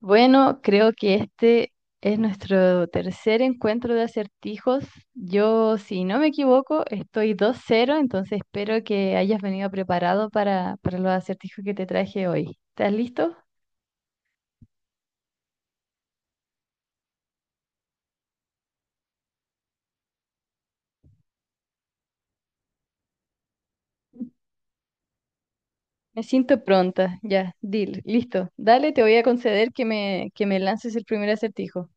Bueno, creo que este es nuestro tercer encuentro de acertijos. Yo, si no me equivoco, estoy dos cero, entonces espero que hayas venido preparado para los acertijos que te traje hoy. ¿Estás listo? Me siento pronta. Ya, deal, listo. Dale, te voy a conceder que me lances el primer acertijo.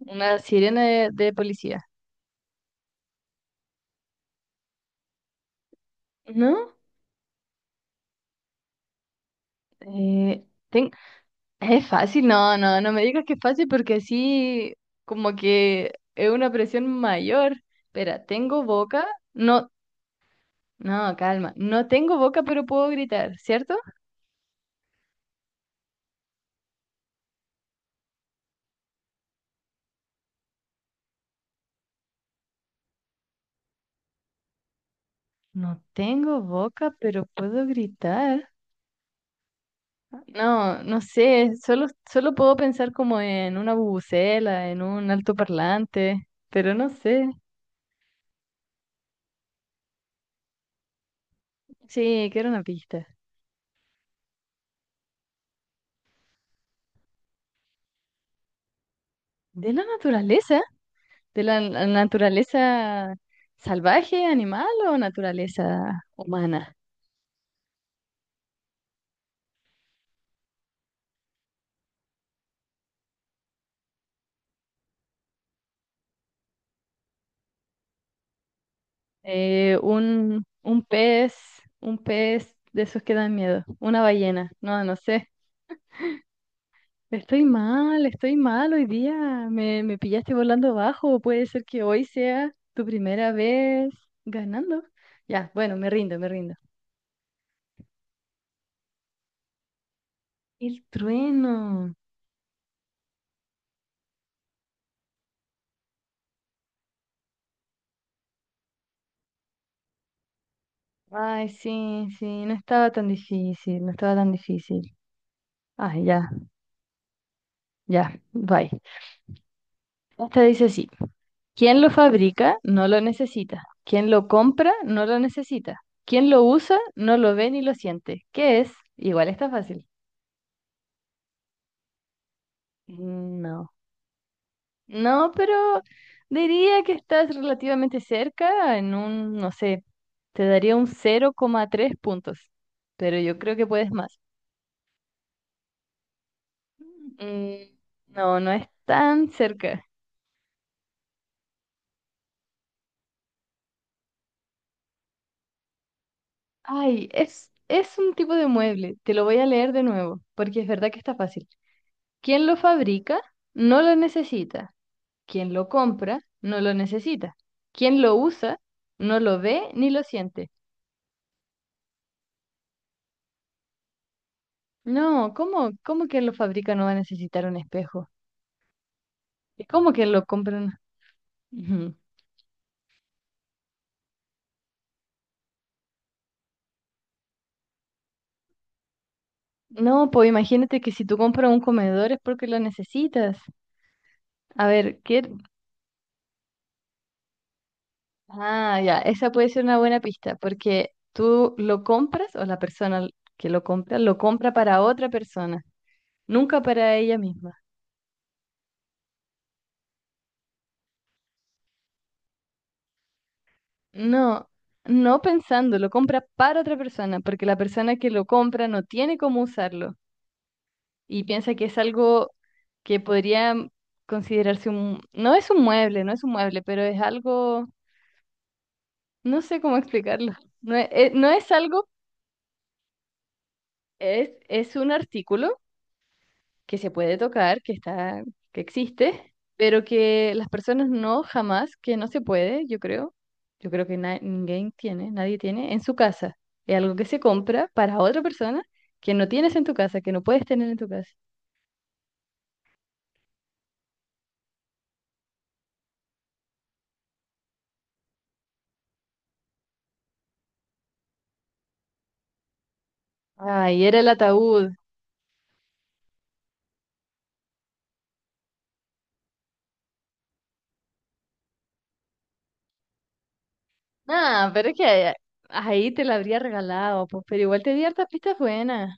Una sirena de policía. ¿No? Eh, ten- Es fácil, no, no, no me digas que es fácil porque así como que es una presión mayor. Espera, ¿tengo boca? No, no, calma. No tengo boca, pero puedo gritar, ¿cierto? No tengo boca, pero puedo gritar. No, no sé, solo puedo pensar como en una bubucela, en un altoparlante, pero no sé. Sí, quiero una pista. ¿De la naturaleza? ¿De la naturaleza salvaje, animal o naturaleza humana? Eh, un, un pez, un pez de esos que dan miedo, una ballena, no, no sé. Estoy mal hoy día, me pillaste volando bajo, puede ser que hoy sea tu primera vez ganando. Ya, bueno, me rindo, me rindo. El trueno. Ay, sí, sí, no estaba tan difícil, no estaba tan difícil. Ay, ya, bye. Esta dice así, quien lo fabrica no lo necesita, quien lo compra no lo necesita, quien lo usa no lo ve ni lo siente. ¿Qué es? Igual está fácil. No, no, pero diría que estás relativamente cerca en un, no sé, te daría un cero coma tres puntos, pero yo creo que puedes más. Mm, no, no es tan cerca. Ay, es un tipo de mueble, te lo voy a leer de nuevo, porque es verdad que está fácil. Quien lo fabrica no lo necesita. Quien lo compra no lo necesita. Quien lo usa no lo ve ni lo siente. No, ¿cómo quien lo fabrica no va a necesitar un espejo? ¿Y cómo quien lo compra no? Ujú. No, pues imagínate que si tú compras un comedor es porque lo necesitas. A ver, ¿qué? Ah, ya, esa puede ser una buena pista, porque tú lo compras o la persona que lo compra para otra persona, nunca para ella misma. No, no pensando, lo compra para otra persona, porque la persona que lo compra no tiene cómo usarlo y piensa que es algo que podría considerarse un... No es un mueble, no es un mueble, pero es algo... No sé cómo explicarlo. No no es algo, es un artículo que se puede tocar, que está, que existe, pero que las personas no, jamás, que no se puede, yo creo que ninguém tiene, nadie tiene en su casa. Es algo que se compra para otra persona que no tienes en tu casa, que no puedes tener en tu casa. Ay, era el ataúd. Ah, pero es que ahí te la habría regalado, pues, pero igual te di hartas pistas buenas.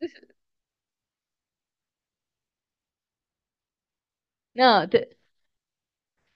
No,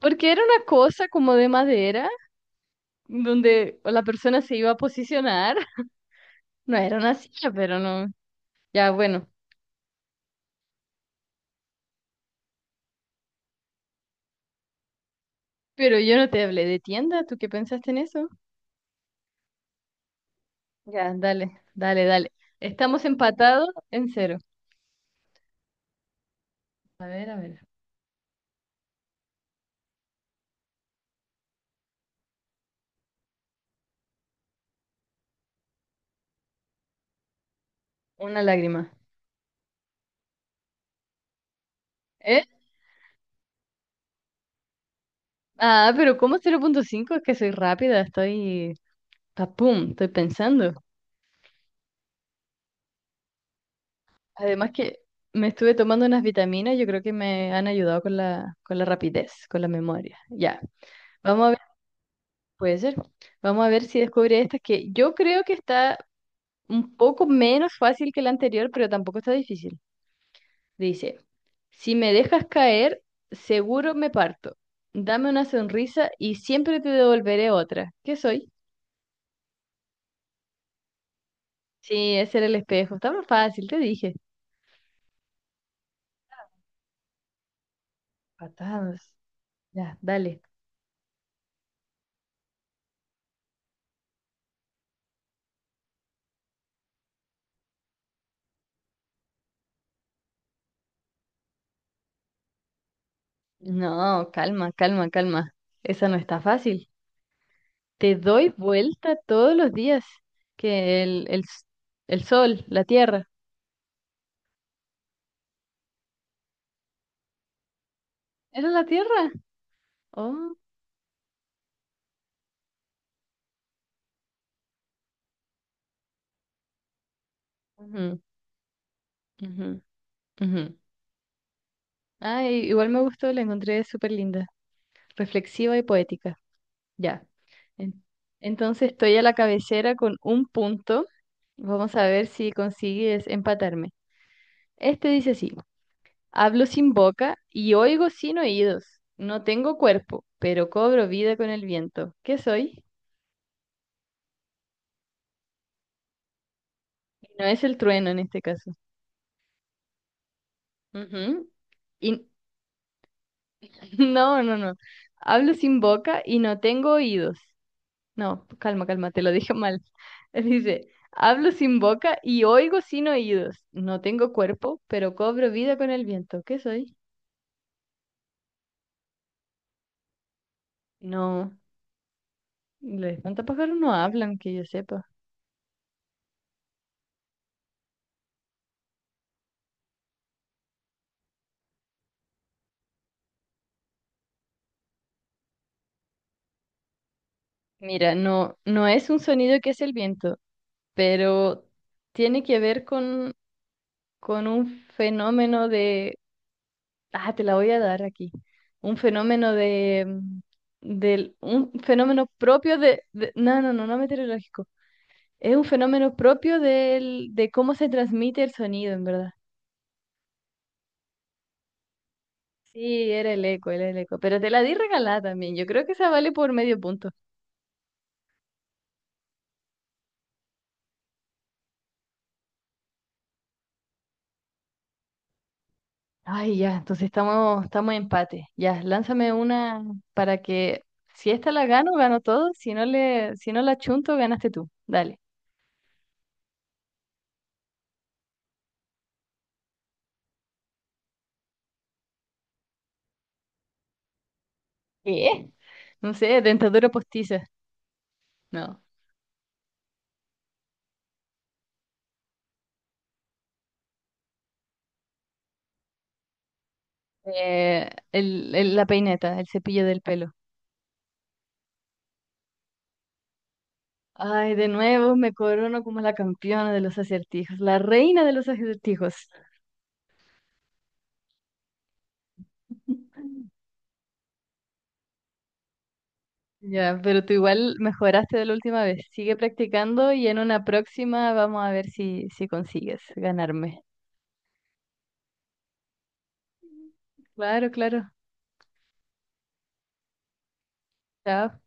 porque era una cosa como de madera, donde la persona se iba a posicionar. No era una silla, pero no. Ya, bueno, pero yo no te hablé de tienda, ¿tú qué pensaste en eso? Ya, dale, dale, dale. Estamos empatados en cero. A ver, a ver. Una lágrima. ¿Eh? Ah, pero ¿cómo cero punto cinco? Es que soy rápida, estoy... Papum, estoy pensando. Además que me estuve tomando unas vitaminas, yo creo que me han ayudado con con la rapidez, con la memoria. Ya, vamos a ver, puede ser. Vamos a ver si descubre esta que yo creo que está un poco menos fácil que la anterior, pero tampoco está difícil. Dice, si me dejas caer, seguro me parto. Dame una sonrisa y siempre te devolveré otra. ¿Qué soy? Sí, ese era el espejo. Estaba fácil, te dije. Patados. Ya, dale. No, calma, calma, calma. Esa no está fácil. Te doy vuelta todos los días. Que el sol, la tierra. ¿Era la tierra? Oh. Ujú, ujú, ujú. Ay, igual me gustó, la encontré súper linda, reflexiva y poética. Ya. En- Entonces estoy a la cabecera con un punto. Vamos a ver si consigues empatarme. Este dice así, hablo sin boca y oigo sin oídos. No tengo cuerpo, pero cobro vida con el viento. ¿Qué soy? No es el trueno en este caso. Ujú. Y... No, no, no. Hablo sin boca y no tengo oídos. No, calma, calma, te lo dije mal. Dice, hablo sin boca y oigo sin oídos. No tengo cuerpo, pero cobro vida con el viento. ¿Qué soy? No, los espantapájaros no hablan, que yo sepa. Mira, no, no es un sonido que es el viento, pero tiene que ver con un fenómeno de... Ah, te la voy a dar aquí. Un fenómeno de... mm, del, un fenómeno propio de... No, no, no, no meteorológico. Es un fenómeno propio de cómo se transmite el sonido, en verdad. Sí, era el eco, era el eco. Pero te la di regalada también. Yo creo que esa vale por medio punto. Ay, ya, estamos en empate. Ya, lánzame una para que si esta la gano, gano todo. Si no si no la chunto, ganaste tú. Dale. ¿Qué? No sé, dentadura postiza. No. La peineta, el cepillo del pelo. Ay, de nuevo me corono como la campeona de los acertijos, la reina de los acertijos. Ya, pero tú igual mejoraste de la última vez. Sigue practicando y en una próxima vamos a ver si, si consigues ganarme. Claro, claro. Chao.